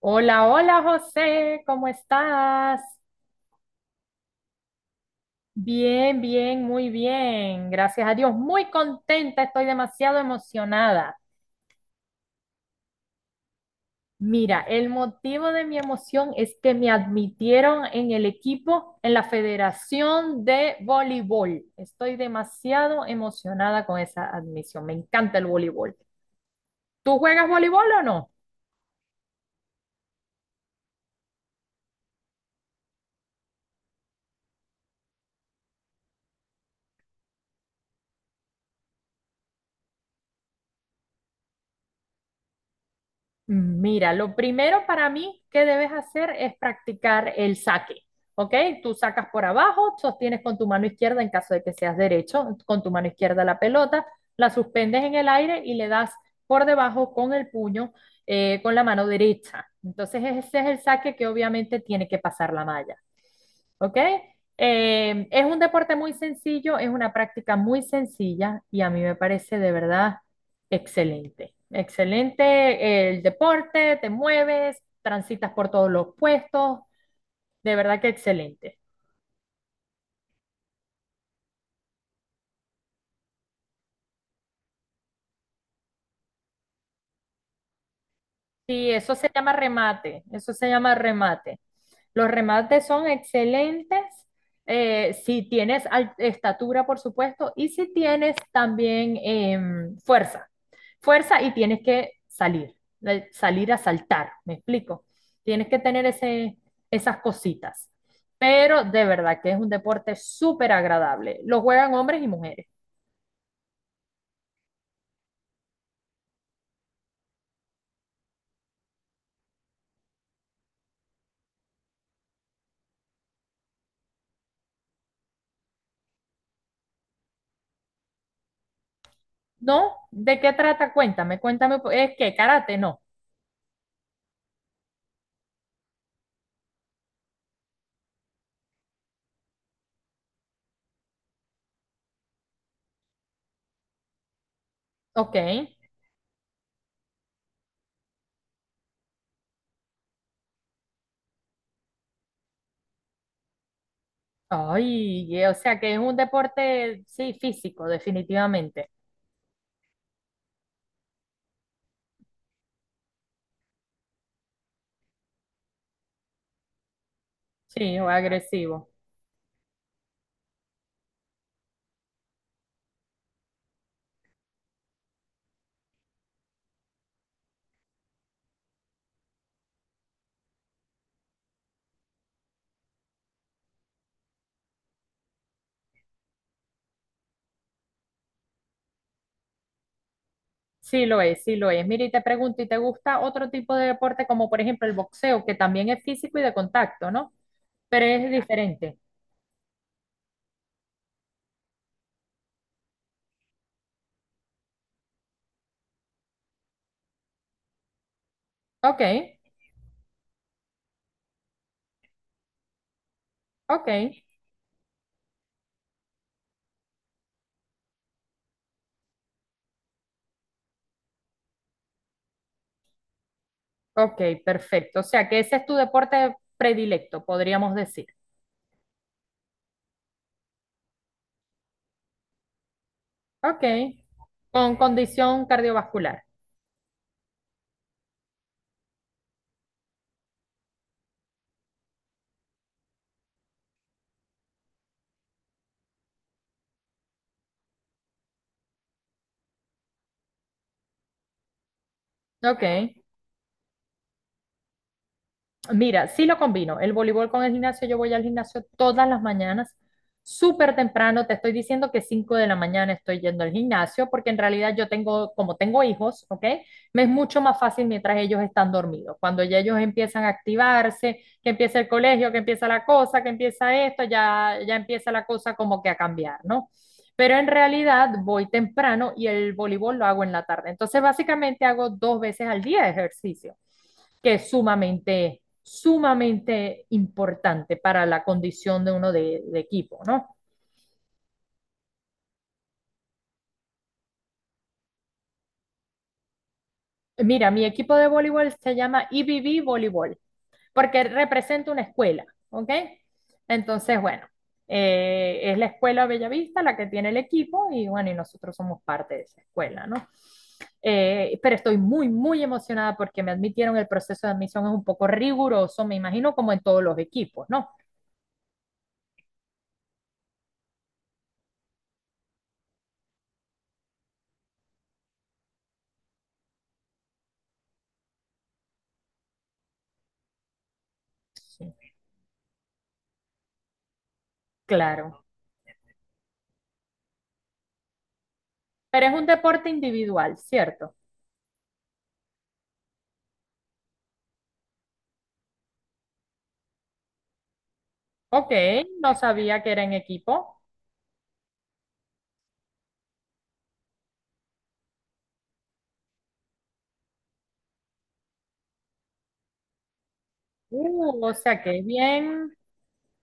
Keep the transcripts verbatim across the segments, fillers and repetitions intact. Hola, hola José, ¿cómo estás? Bien, bien, muy bien. Gracias a Dios, muy contenta, estoy demasiado emocionada. Mira, el motivo de mi emoción es que me admitieron en el equipo, en la Federación de Voleibol. Estoy demasiado emocionada con esa admisión. Me encanta el voleibol. ¿Tú juegas voleibol o no? Mm, Mira, lo primero para mí que debes hacer es practicar el saque, ¿ok? Tú sacas por abajo, sostienes con tu mano izquierda en caso de que seas derecho, con tu mano izquierda la pelota, la suspendes en el aire y le das por debajo con el puño, eh, con la mano derecha. Entonces ese es el saque que obviamente tiene que pasar la malla. ¿Ok? Eh, es un deporte muy sencillo, es una práctica muy sencilla y a mí me parece de verdad excelente, excelente. El deporte, te mueves, transitas por todos los puestos, de verdad que excelente. Sí, eso se llama remate, eso se llama remate. Los remates son excelentes, eh, si tienes al- estatura, por supuesto, y si tienes también em, fuerza. Fuerza y tienes que salir, eh, salir a saltar, ¿me explico? Tienes que tener ese, esas cositas. Pero de verdad que es un deporte súper agradable. Lo juegan hombres y mujeres. ¿No? ¿De qué trata? Cuéntame, cuéntame. ¿Es que karate? No. Ok. Ay, eh, o sea que es un deporte, sí, físico, definitivamente. Sí, o agresivo. Sí lo es, sí lo es. Mira, y te pregunto, ¿y te gusta otro tipo de deporte como por ejemplo el boxeo, que también es físico y de contacto, ¿no? Pero es diferente. Ok, ok, ok, perfecto. O sea que ese es tu deporte predilecto, podríamos decir. Ok, con condición cardiovascular. Ok, mira, sí lo combino. El voleibol con el gimnasio, yo voy al gimnasio todas las mañanas, súper temprano. Te estoy diciendo que cinco de la mañana estoy yendo al gimnasio, porque en realidad yo tengo, como tengo hijos, ¿ok? Me es mucho más fácil mientras ellos están dormidos. Cuando ya ellos empiezan a activarse, que empieza el colegio, que empieza la cosa, que empieza esto, ya, ya empieza la cosa como que a cambiar, ¿no? Pero en realidad voy temprano y el voleibol lo hago en la tarde. Entonces, básicamente hago dos veces al día ejercicio que es sumamente, sumamente importante para la condición de uno de, de equipo, ¿no? Mira, mi equipo de voleibol se llama I B B Voleibol, porque representa una escuela, ¿ok? Entonces, bueno, eh, es la escuela Bellavista la que tiene el equipo y bueno, y nosotros somos parte de esa escuela, ¿no? Eh, pero estoy muy, muy emocionada porque me admitieron, el proceso de admisión es un poco riguroso, me imagino, como en todos los equipos, ¿no? Sí, claro. Pero es un deporte individual, ¿cierto? Ok, no sabía que era en equipo. Uh, o sea que es bien,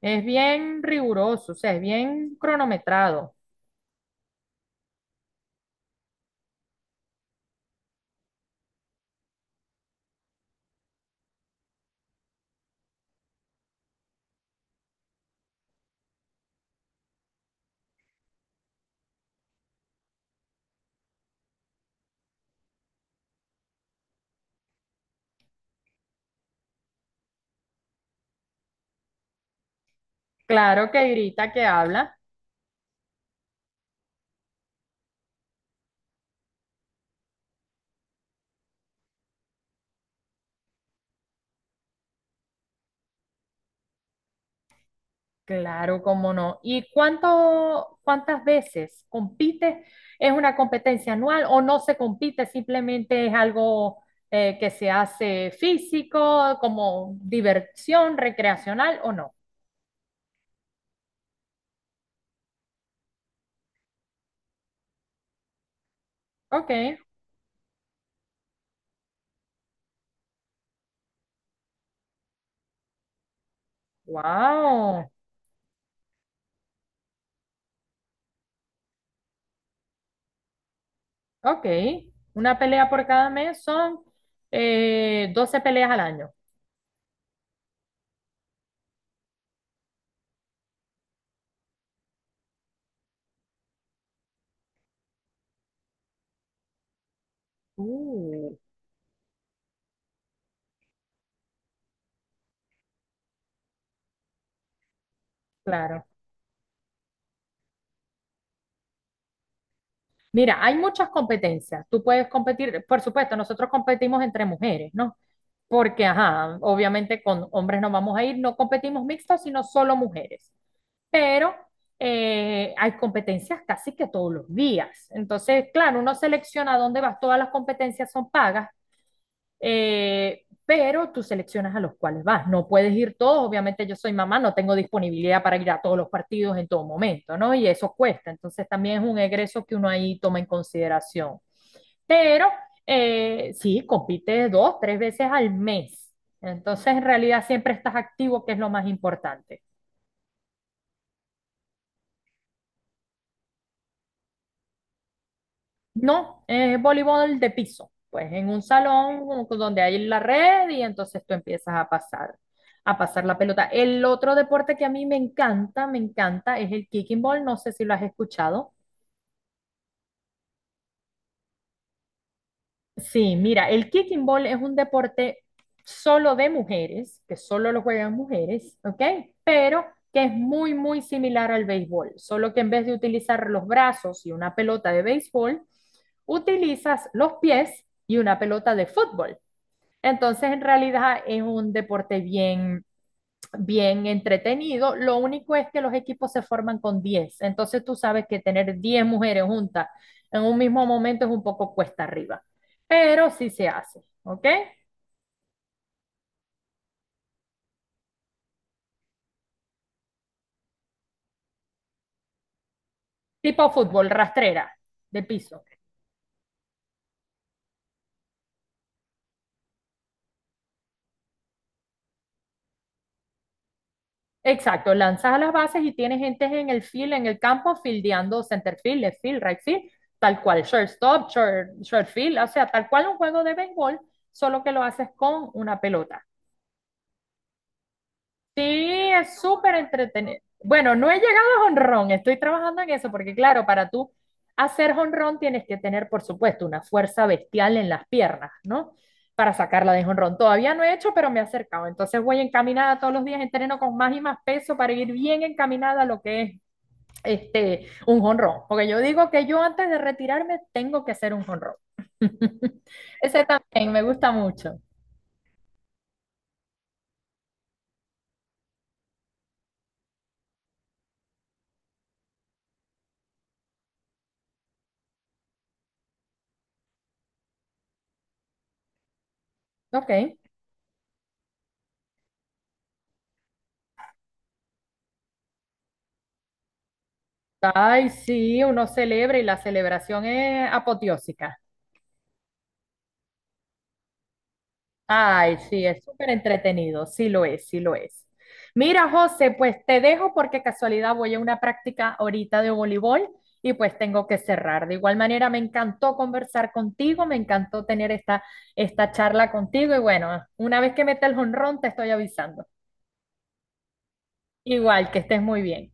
es bien riguroso, o sea, es bien cronometrado. Claro que grita, que habla. Claro, cómo no. ¿Y cuánto, cuántas veces compite? ¿Es una competencia anual o no se compite? Simplemente es algo eh, que se hace físico, como diversión recreacional o no. Ok, wow. Ok, una pelea por cada mes son, eh, doce peleas al año. Uh, Claro. Mira, hay muchas competencias. Tú puedes competir, por supuesto, nosotros competimos entre mujeres, ¿no? Porque, ajá, obviamente con hombres no vamos a ir, no competimos mixtos, sino solo mujeres. Pero eh, hay competencias casi que todos los días. Entonces, claro, uno selecciona dónde vas, todas las competencias son pagas, eh, pero tú seleccionas a los cuales vas. No puedes ir todos, obviamente yo soy mamá, no tengo disponibilidad para ir a todos los partidos en todo momento, ¿no? Y eso cuesta, entonces también es un egreso que uno ahí toma en consideración. Pero eh, sí, compites dos, tres veces al mes. Entonces, en realidad siempre estás activo, que es lo más importante. No, es voleibol de piso, pues en un salón como que donde hay la red y entonces tú empiezas a pasar, a pasar la pelota. El otro deporte que a mí me encanta, me encanta, es el kicking ball, no sé si lo has escuchado. Sí, mira, el kicking ball es un deporte solo de mujeres, que solo lo juegan mujeres, ¿ok? Pero que es muy, muy similar al béisbol, solo que en vez de utilizar los brazos y una pelota de béisbol, utilizas los pies y una pelota de fútbol. Entonces, en realidad es un deporte bien, bien entretenido. Lo único es que los equipos se forman con diez. Entonces, tú sabes que tener diez mujeres juntas en un mismo momento es un poco cuesta arriba. Pero sí se hace, ¿ok? Tipo fútbol, rastrera, de piso. Exacto, lanzas a las bases y tienes gente en el field, en el campo, fildeando center field, left field, right field, tal cual, shortstop, short, short field, o sea, tal cual un juego de béisbol, solo que lo haces con una pelota. Sí, es súper entretenido. Bueno, no he llegado a jonrón, estoy trabajando en eso, porque claro, para tú hacer jonrón tienes que tener, por supuesto, una fuerza bestial en las piernas, ¿no? Para sacarla de jonrón. Todavía no he hecho, pero me he acercado. Entonces voy encaminada todos los días, entreno con más y más peso para ir bien encaminada a lo que es este, un jonrón. Porque yo digo que yo antes de retirarme tengo que hacer un jonrón. Ese también me gusta mucho. Ok. Ay, sí, uno celebra y la celebración es apoteósica. Ay, sí, es súper entretenido, sí lo es, sí lo es. Mira, José, pues te dejo porque casualidad voy a una práctica ahorita de voleibol y pues tengo que cerrar. De igual manera, me encantó conversar contigo, me encantó tener esta, esta charla contigo y bueno, una vez que meta el jonrón te estoy avisando. Igual, que estés muy bien.